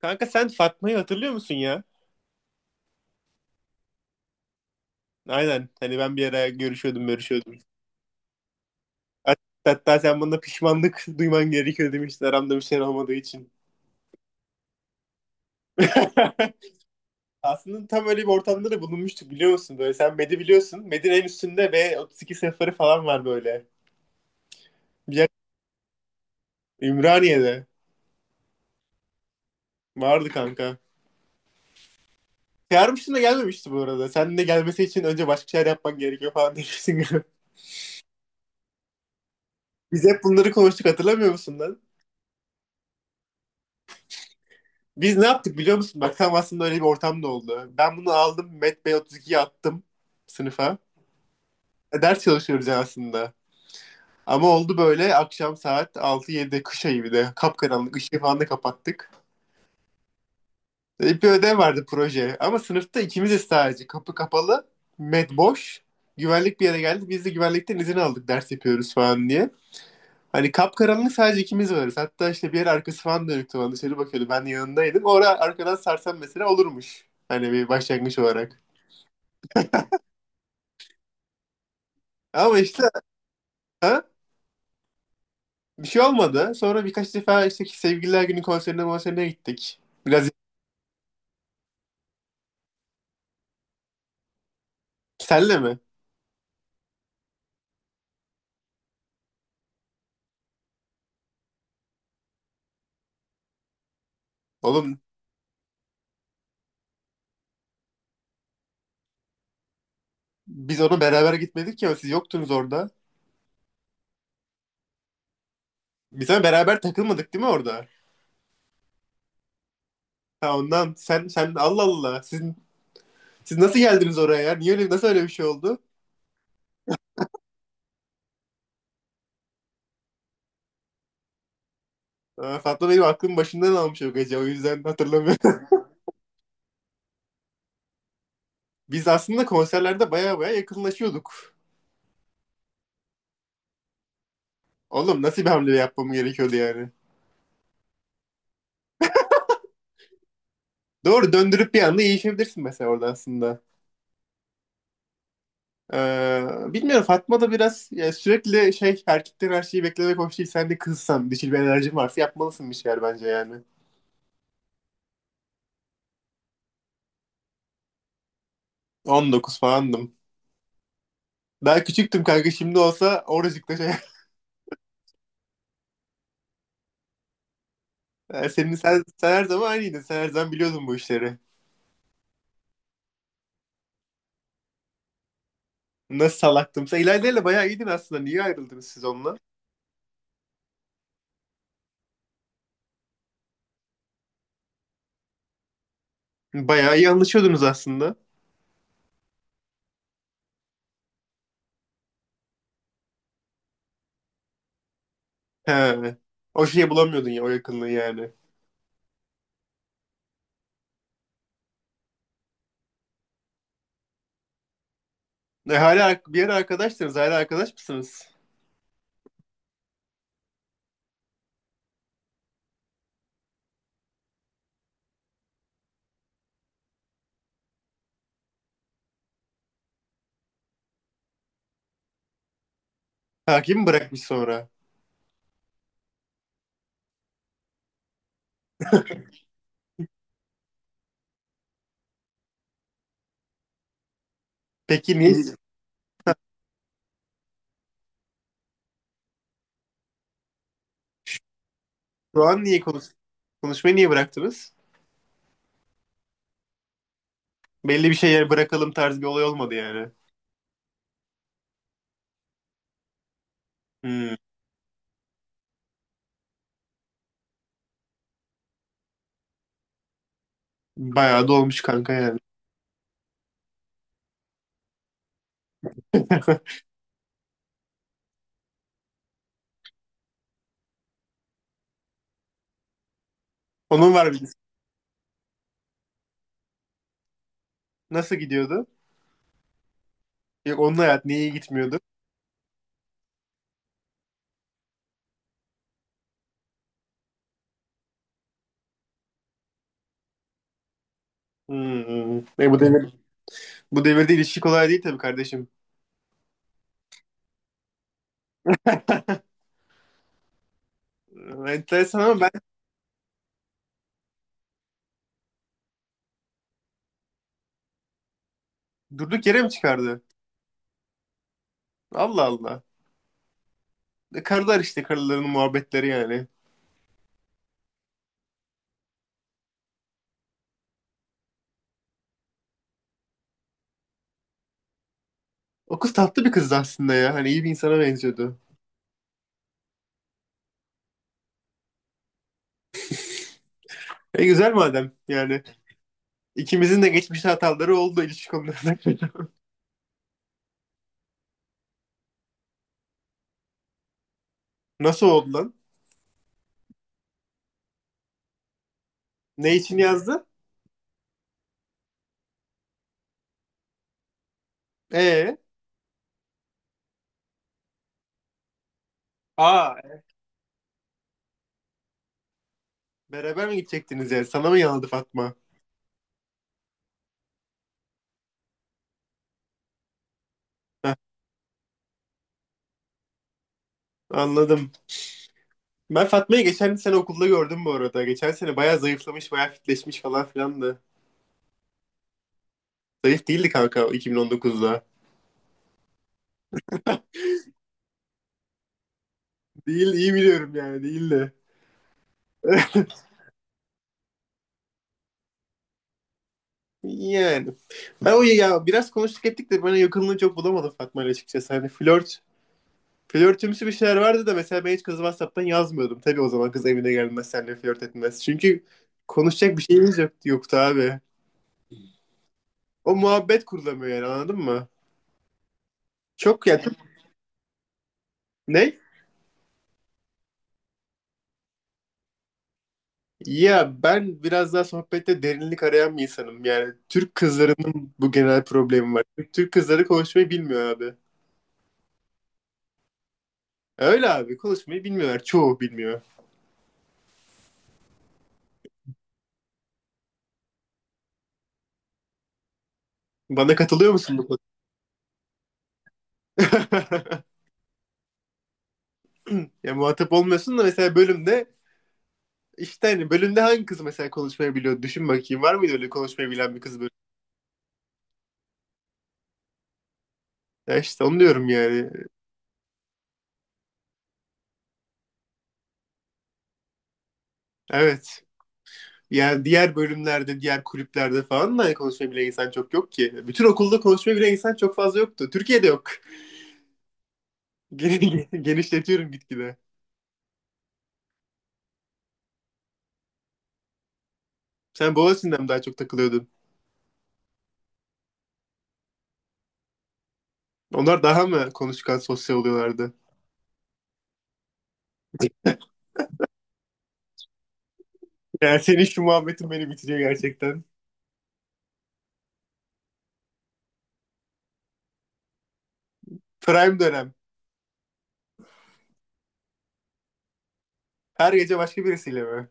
Kanka sen Fatma'yı hatırlıyor musun ya? Aynen. Hani ben bir ara görüşüyordum. Hat- Hatta sen bana pişmanlık duyman gerekiyor demiştin aramda bir şey olmadığı için. Aslında tam öyle bir ortamda da bulunmuştuk biliyor musun? Böyle sen Medi biliyorsun. Medi'nin en üstünde ve 32 sıfırı falan var böyle. Bir yer Ümraniye'de. Vardı kanka. Çağırmıştın da gelmemişti bu arada. Sen de gelmesi için önce başka şeyler yapman gerekiyor falan demiştin. Biz hep bunları konuştuk, hatırlamıyor musun lan? Biz ne yaptık biliyor musun? Bak, tam aslında öyle bir ortam da oldu. Ben bunu aldım, Met Bey 32'ye attım, sınıfa. Ders çalışıyoruz yani aslında. Ama oldu böyle akşam saat 6-7, kış ayı bir de. Kapkaranlık, ışığı falan da kapattık. Bir ödev vardı, proje. Ama sınıfta ikimiziz sadece. Kapı kapalı. Met boş. Güvenlik bir yere geldi. Biz de güvenlikten izin aldık, ders yapıyoruz falan diye. Hani kapkaranlık, sadece ikimiz varız. Hatta işte bir yer arkası falan dönüktü, bana dışarı bakıyordu. Ben de yanındaydım. Orada arkadan sarsam mesela olurmuş. Hani bir başlangıç olarak. Ama işte ha, Bir şey olmadı. Sonra birkaç defa işte sevgililer günü konserine gittik. Biraz senle mi? Oğlum biz ona beraber gitmedik ya, siz yoktunuz orada. Biz ama beraber takılmadık değil mi orada? Ha ondan sen Allah Allah, siz nasıl geldiniz oraya ya? Niye öyle, nasıl öyle bir şey oldu? Ha, Fatma benim aklım başından almış o gece, o yüzden hatırlamıyorum. Biz aslında konserlerde baya baya yakınlaşıyorduk. Oğlum nasıl bir hamle yapmam gerekiyordu yani? Doğru döndürüp bir anda iyileşebilirsin mesela orada aslında. Bilmiyorum, Fatma da biraz ya sürekli şey, erkekten her şeyi beklemek hoş değil. Sen de kızsan, dişil bir enerjin varsa yapmalısın bir şeyler bence yani. 19 falandım. Daha küçüktüm kanka, şimdi olsa oracıkta şey. Senin sen her zaman aynıydın. Sen her zaman biliyordun bu işleri. Nasıl salaktım. Sen İlayda ile bayağı iyiydin aslında. Niye ayrıldınız siz onunla? Bayağı iyi anlaşıyordunuz aslında. He. O şeyi bulamıyordun ya, o yakınlığı yani. E, hala bir ara arkadaştınız. Hala arkadaş mısınız? Takip mi bırakmış sonra? Peki niye Şu an niye konuşmayı niye bıraktınız? Belli bir şeyler bırakalım tarzı bir olay olmadı yani. Hmm, bayağı da olmuş kanka yani. Onun var bir Nasıl gidiyordu? Yok, onun hayat niye iyi gitmiyordu? Hmm. Bu bu devirde ilişki kolay değil tabii kardeşim. E, Enteresan ama ben Durduk yere mi çıkardı? Allah Allah. E, karılar işte, karıların muhabbetleri yani. O kız tatlı bir kızdı aslında ya. Hani iyi bir insana benziyordu. E güzel madem yani. İkimizin de geçmişte hataları oldu ilişki konularında. Nasıl oldu lan? Ne için yazdı? Ee, aa Beraber mi gidecektiniz yani? Sana mı yanıldı Fatma? Anladım. Ben Fatma'yı geçen sene okulda gördüm bu arada. Geçen sene bayağı zayıflamış, bayağı fitleşmiş falan filan da. Zayıf değildi kanka 2019'da. Değil, iyi biliyorum yani, değildi. Yani. Ben o ya biraz konuştuk ettik de bana yakınlığı çok bulamadım Fatma ile açıkçası. Hani flörtümsü bir şeyler vardı da, mesela ben hiç kızı WhatsApp'tan yazmıyordum. Tabii o zaman kız evine gelmez, seninle flört etmez. Çünkü konuşacak bir şeyimiz yok, yoktu abi. O muhabbet kurulamıyor yani, anladın mı? Çok ya çok- Ne? Ya ben biraz daha sohbette derinlik arayan bir insanım. Yani Türk kızlarının bu genel problemi var. Türk kızları konuşmayı bilmiyor abi. Öyle abi, konuşmayı bilmiyorlar. Çoğu bilmiyor. Bana katılıyor musun bu konuda? Ya muhatap olmuyorsun da mesela bölümde işte, hani bölümde hangi kız mesela konuşmayı biliyor? Düşün bakayım, var mıydı öyle konuşmayı bilen bir kız böyle? Ya işte onu diyorum yani. Evet. Yani diğer bölümlerde, diğer kulüplerde falan da konuşabilen insan çok yok ki. Bütün okulda konuşabilen insan çok fazla yoktu. Türkiye'de yok. Genişletiyorum gitgide. Sen Boğaziçi'nden mi daha çok takılıyordun? Onlar daha mı konuşkan, sosyal oluyorlardı? Yani senin şu muhabbetin beni bitiriyor gerçekten. Prime dönem. Her gece başka birisiyle mi?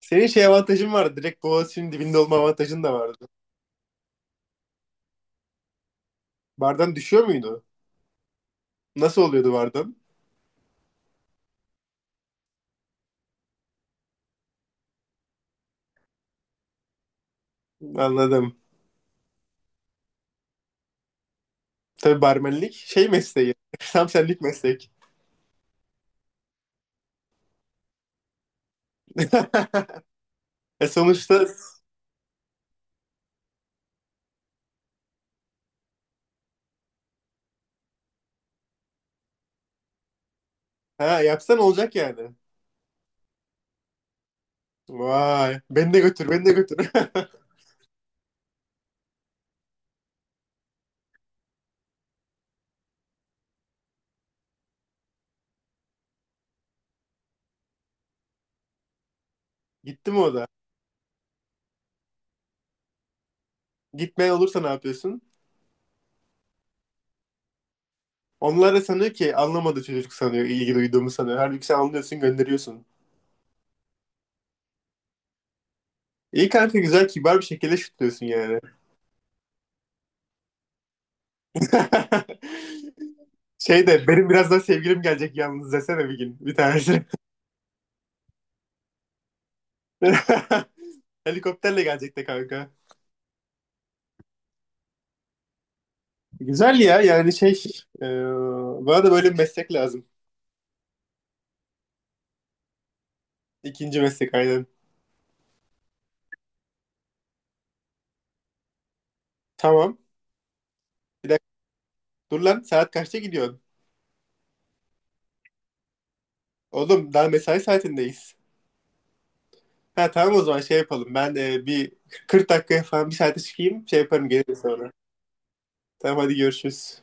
Senin şey avantajın vardı. Direkt Boğaziçi'nin dibinde olma avantajın da vardı. Bardan düşüyor muydu? Nasıl oluyordu bardan? Anladım. Tabii barmenlik şey mesleği. Tam senlik meslek. E sonuçta ha, yapsan olacak yani. Vay. Beni de götür. Gitti mi o da? Gitmeyen olursa ne yapıyorsun? Onlar da sanıyor ki anlamadı, çocuk sanıyor, ilgi duyduğumu sanıyor. Halbuki sen anlıyorsun, gönderiyorsun. İyi kanka, güzel, kibar bir şekilde şutluyorsun yani. Şey de benim birazdan sevgilim gelecek yalnız desene bir gün bir tanesi. Helikopterle gelecek de kanka. Güzel ya yani e, bana da böyle bir meslek lazım. İkinci meslek aynen. Tamam. Bir dakika. Dur lan, saat kaçta gidiyorsun? Oğlum daha mesai saatindeyiz. Ha tamam, o zaman şey yapalım. Ben e, bir 40 dakikaya falan, bir saate çıkayım. Şey yaparım, gelirim sonra. Tamam hadi, görüşürüz.